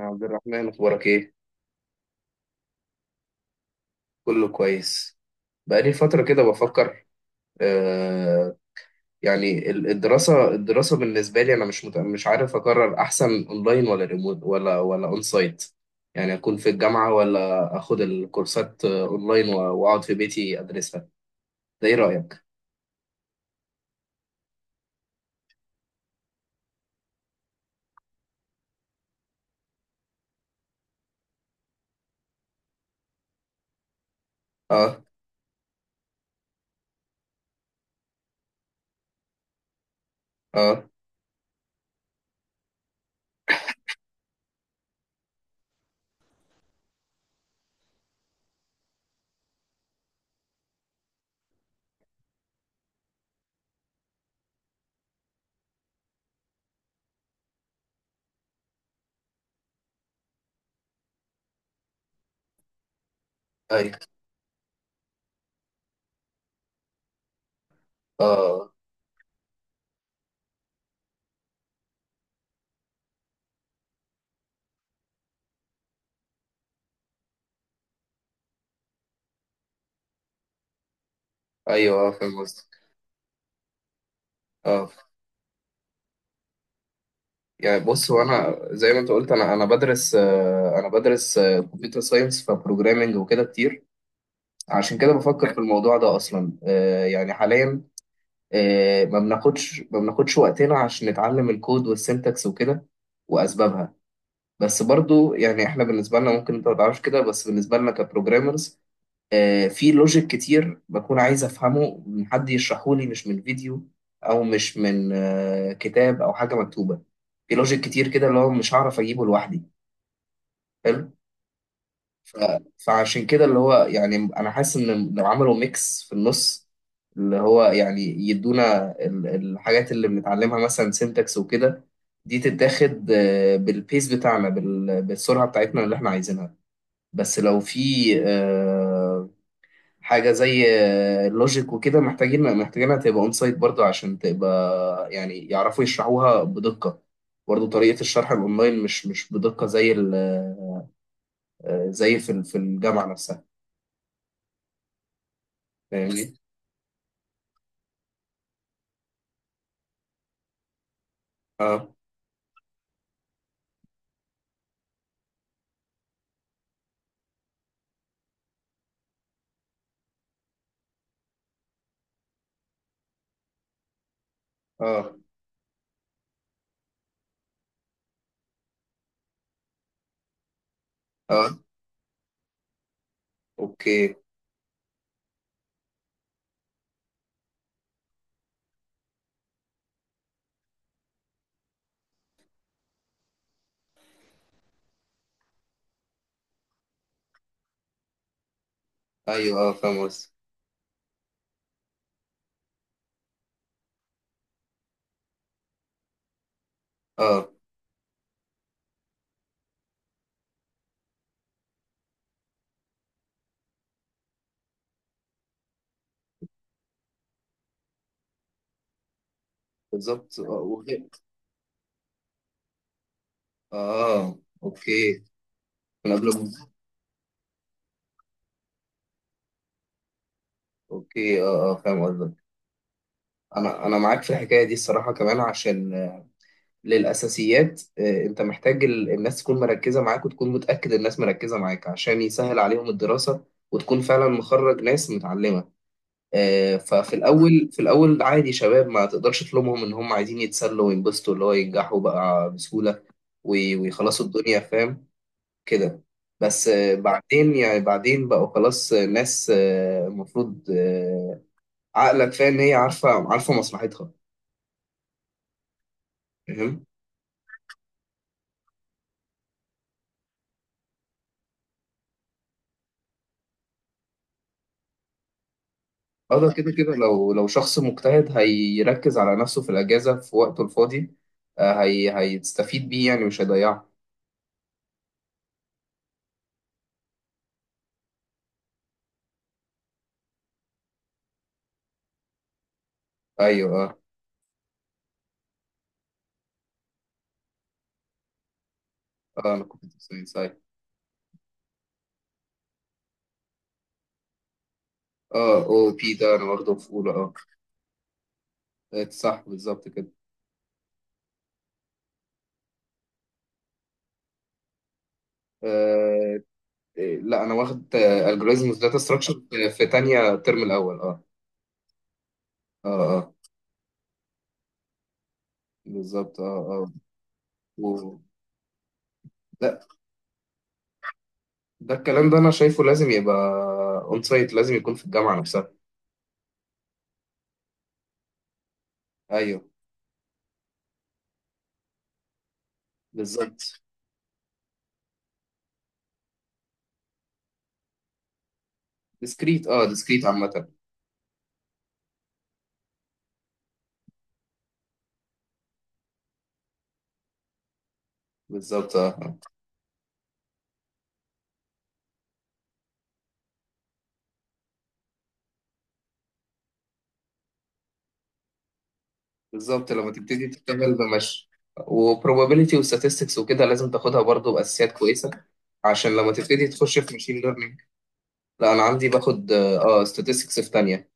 يا عبد الرحمن اخبارك ايه؟ كله كويس. بقالي فتره كده بفكر. آه الدراسه الدراسه بالنسبه لي انا مش عارف اقرر، احسن اونلاين ولا ريموت ولا اون سايت. يعني اكون في الجامعه ولا اخد الكورسات اونلاين واقعد في بيتي ادرسها. ده ايه رايك؟ اه. اه. ايوه. اه. ايوه. فاهم قصدك. اه. يعني بص، هو انا زي ما انت قلت، انا بدرس، انا بدرس كمبيوتر ساينس، فبروجرامنج وكده كتير. عشان كده بفكر في الموضوع ده اصلا. يعني حاليا ما بناخدش وقتنا عشان نتعلم الكود والسنتكس وكده واسبابها. بس برضو يعني احنا بالنسبه لنا، ممكن انت ما تعرفش كده، بس بالنسبه لنا كبروجرامرز، في لوجيك كتير بكون عايز افهمه من حد يشرحه لي، مش من فيديو او مش من كتاب او حاجه مكتوبه. في لوجيك كتير كده اللي هو مش هعرف اجيبه لوحدي. حلو. ف... فعشان كده اللي هو يعني انا حاسس ان لو عملوا ميكس في النص، اللي هو يعني يدونا ال- الحاجات اللي بنتعلمها، مثلا سينتاكس وكده، دي تتاخد بالبيس بتاعنا، بالسرعه بتاعتنا اللي احنا عايزينها. بس لو في آه، حاجه زي اللوجيك وكده، محتاجين محتاجينها تبقى اون سايت برضه، عشان تبقى يعني يعرفوا يشرحوها بدقه. برضه طريقه الشرح الاونلاين مش بدقه زي ال- زي في ال- في الجامعه نفسها. فاهمني؟ اه. اه. اه. اوكي. ايوه، اه، فاهم قصدي. اه، بالظبط. اه اوكي. من قبل ما- اوكي. اه، اه، فاهم قصدك. انا معاك في الحكايه دي الصراحه، كمان عشان للاساسيات انت محتاج ال- الناس تكون مركزه معاك، وتكون متاكد الناس مركزه معاك، عشان يسهل عليهم الدراسه وتكون فعلا مخرج ناس متعلمه. ففي الاول عادي، شباب ما تقدرش تلومهم ان هم عايزين يتسلوا وينبسطوا، اللي هو ينجحوا بقى بسهولة ويخلصوا الدنيا. فاهم كده؟ بس بعدين يعني، بعدين بقوا خلاص ناس المفروض عقلك فاهم، هي عارفة مصلحتها. فاهم. اه، ده كده كده، لو شخص مجتهد هيركز على نفسه في الأجازة في وقته الفاضي. هيستفيد بيه يعني، مش هيضيعه. ايوه، اه. اه، انا كنت في ساينس، أيوة. اه، او بي، ده انا برضه في اولى، اه. صح، بالظبط كده. آه. لا، انا واخد الجوريزمز داتا ستراكشر. في تانية الترم الاول، اه. اه، اه، بالظبط، اه، اه. و... لا، ده الكلام ده انا شايفه لازم يبقى اون سايت، لازم يكون في الجامعه نفسها. ايوه. بالظبط. ديسكريت، اه، ديسكريت عامه. بالظبط، اه. بالظبط لما تبتدي تشتغل بمش، وبروبابيلتي وستاتستكس وكده، لازم تاخدها برضو باساسيات كويسه عشان لما تبتدي تخش في ماشين ليرنينج. لا، انا عندي باخد اه، ستاتستكس في تانية.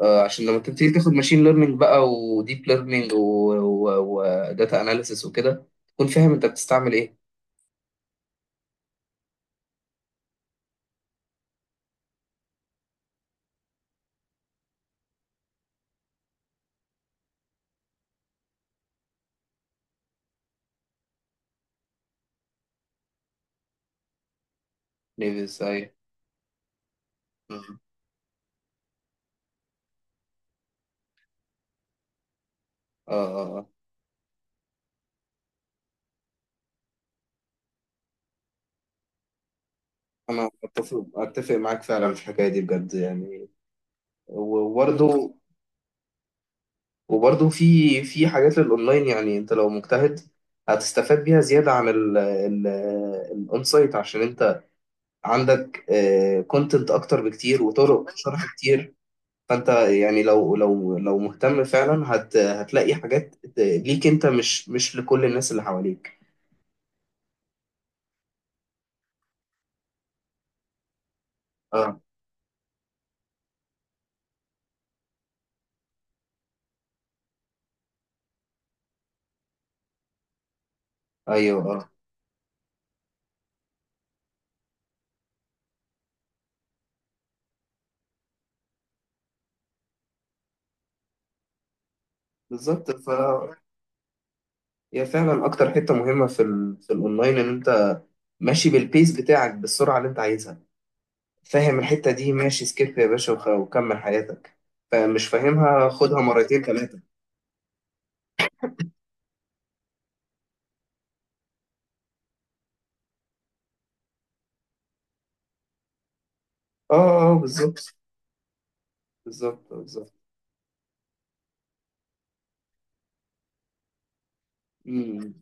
عشان لما تبتدي تاخد ماشين ليرنينج بقى، وديب ليرنينج وداتا اناليسيس وكده، تكون فاهم انت بتستعمل ايه. نيفيس اي. آه. آه. آه. انا اتفق معاك فعلا في الحكايه دي، بجد يعني. وبرده. وبرده في في حاجات للاونلاين، يعني انت لو مجتهد هتستفاد بيها زياده عن ال الاون سايت، عشان انت عندك كونتنت اكتر بكتير وطرق شرح كتير. فانت يعني لو مهتم فعلا، هتلاقي حاجات ليك انت، مش لكل الناس اللي حواليك. اه. ايوه، اه، بالظبط. هي فعلا اكتر حته مهمه في ال... في الاونلاين، ان انت ماشي بالبيس بتاعك، بالسرعه اللي انت عايزها. فاهم الحته دي، ماشي، سكيب يا باشا وكمل حياتك. فمش فاهمها، خدها مرتين ثلاثه. اه، اه، بالظبط. بالظبط. بالظبط. امم.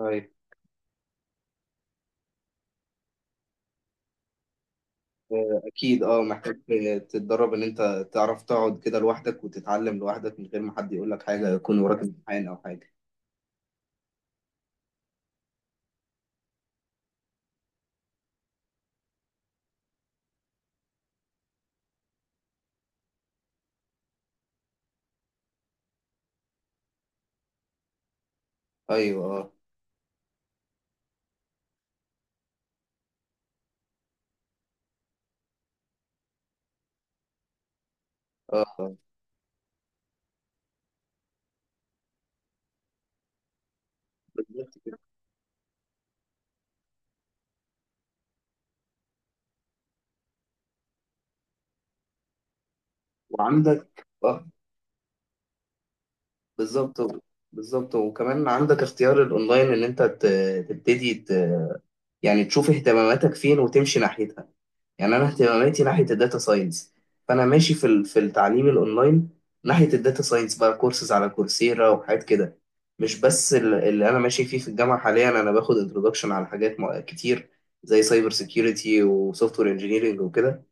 أيوه. أكيد، أه محتاج تتدرب، إن أنت تعرف تقعد كده لوحدك وتتعلم لوحدك من غير ما حد يقول لك حاجة، يكون وراك امتحان أو حاجة. أيوه، أه، أه. بالظبط كده. وعندك أه. بالظبط. بالظبط. وكمان عندك اختيار الأونلاين، إن أنت تبتدي يعني تشوف اهتماماتك فين وتمشي ناحيتها. يعني انا اهتماماتي ناحيه الداتا ساينس، فانا ماشي في ال- في التعليم الاونلاين ناحيه الداتا ساينس، بقى كورسز على كورسيرا وحاجات كده، مش بس ال- اللي انا ماشي فيه في الجامعه. حاليا انا باخد انترودكشن على حاجات كتير، زي سايبر سيكيورتي وسوفت وير انجينيرنج وكده.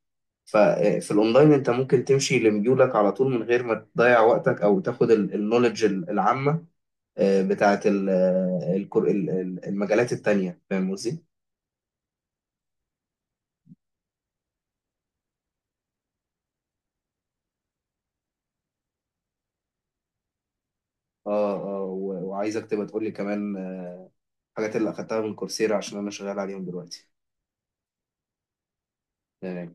ففي الاونلاين انت ممكن تمشي لميولك على طول، من غير ما تضيع وقتك او تاخد النولج العامه بتاعت ال- المجالات التانيه. فاهم قصدي؟ اه، اه، وعايزك تبقى تقول لي كمان الحاجات اللي اخدتها من كورسيرا عشان انا شغال عليهم دلوقتي يعني.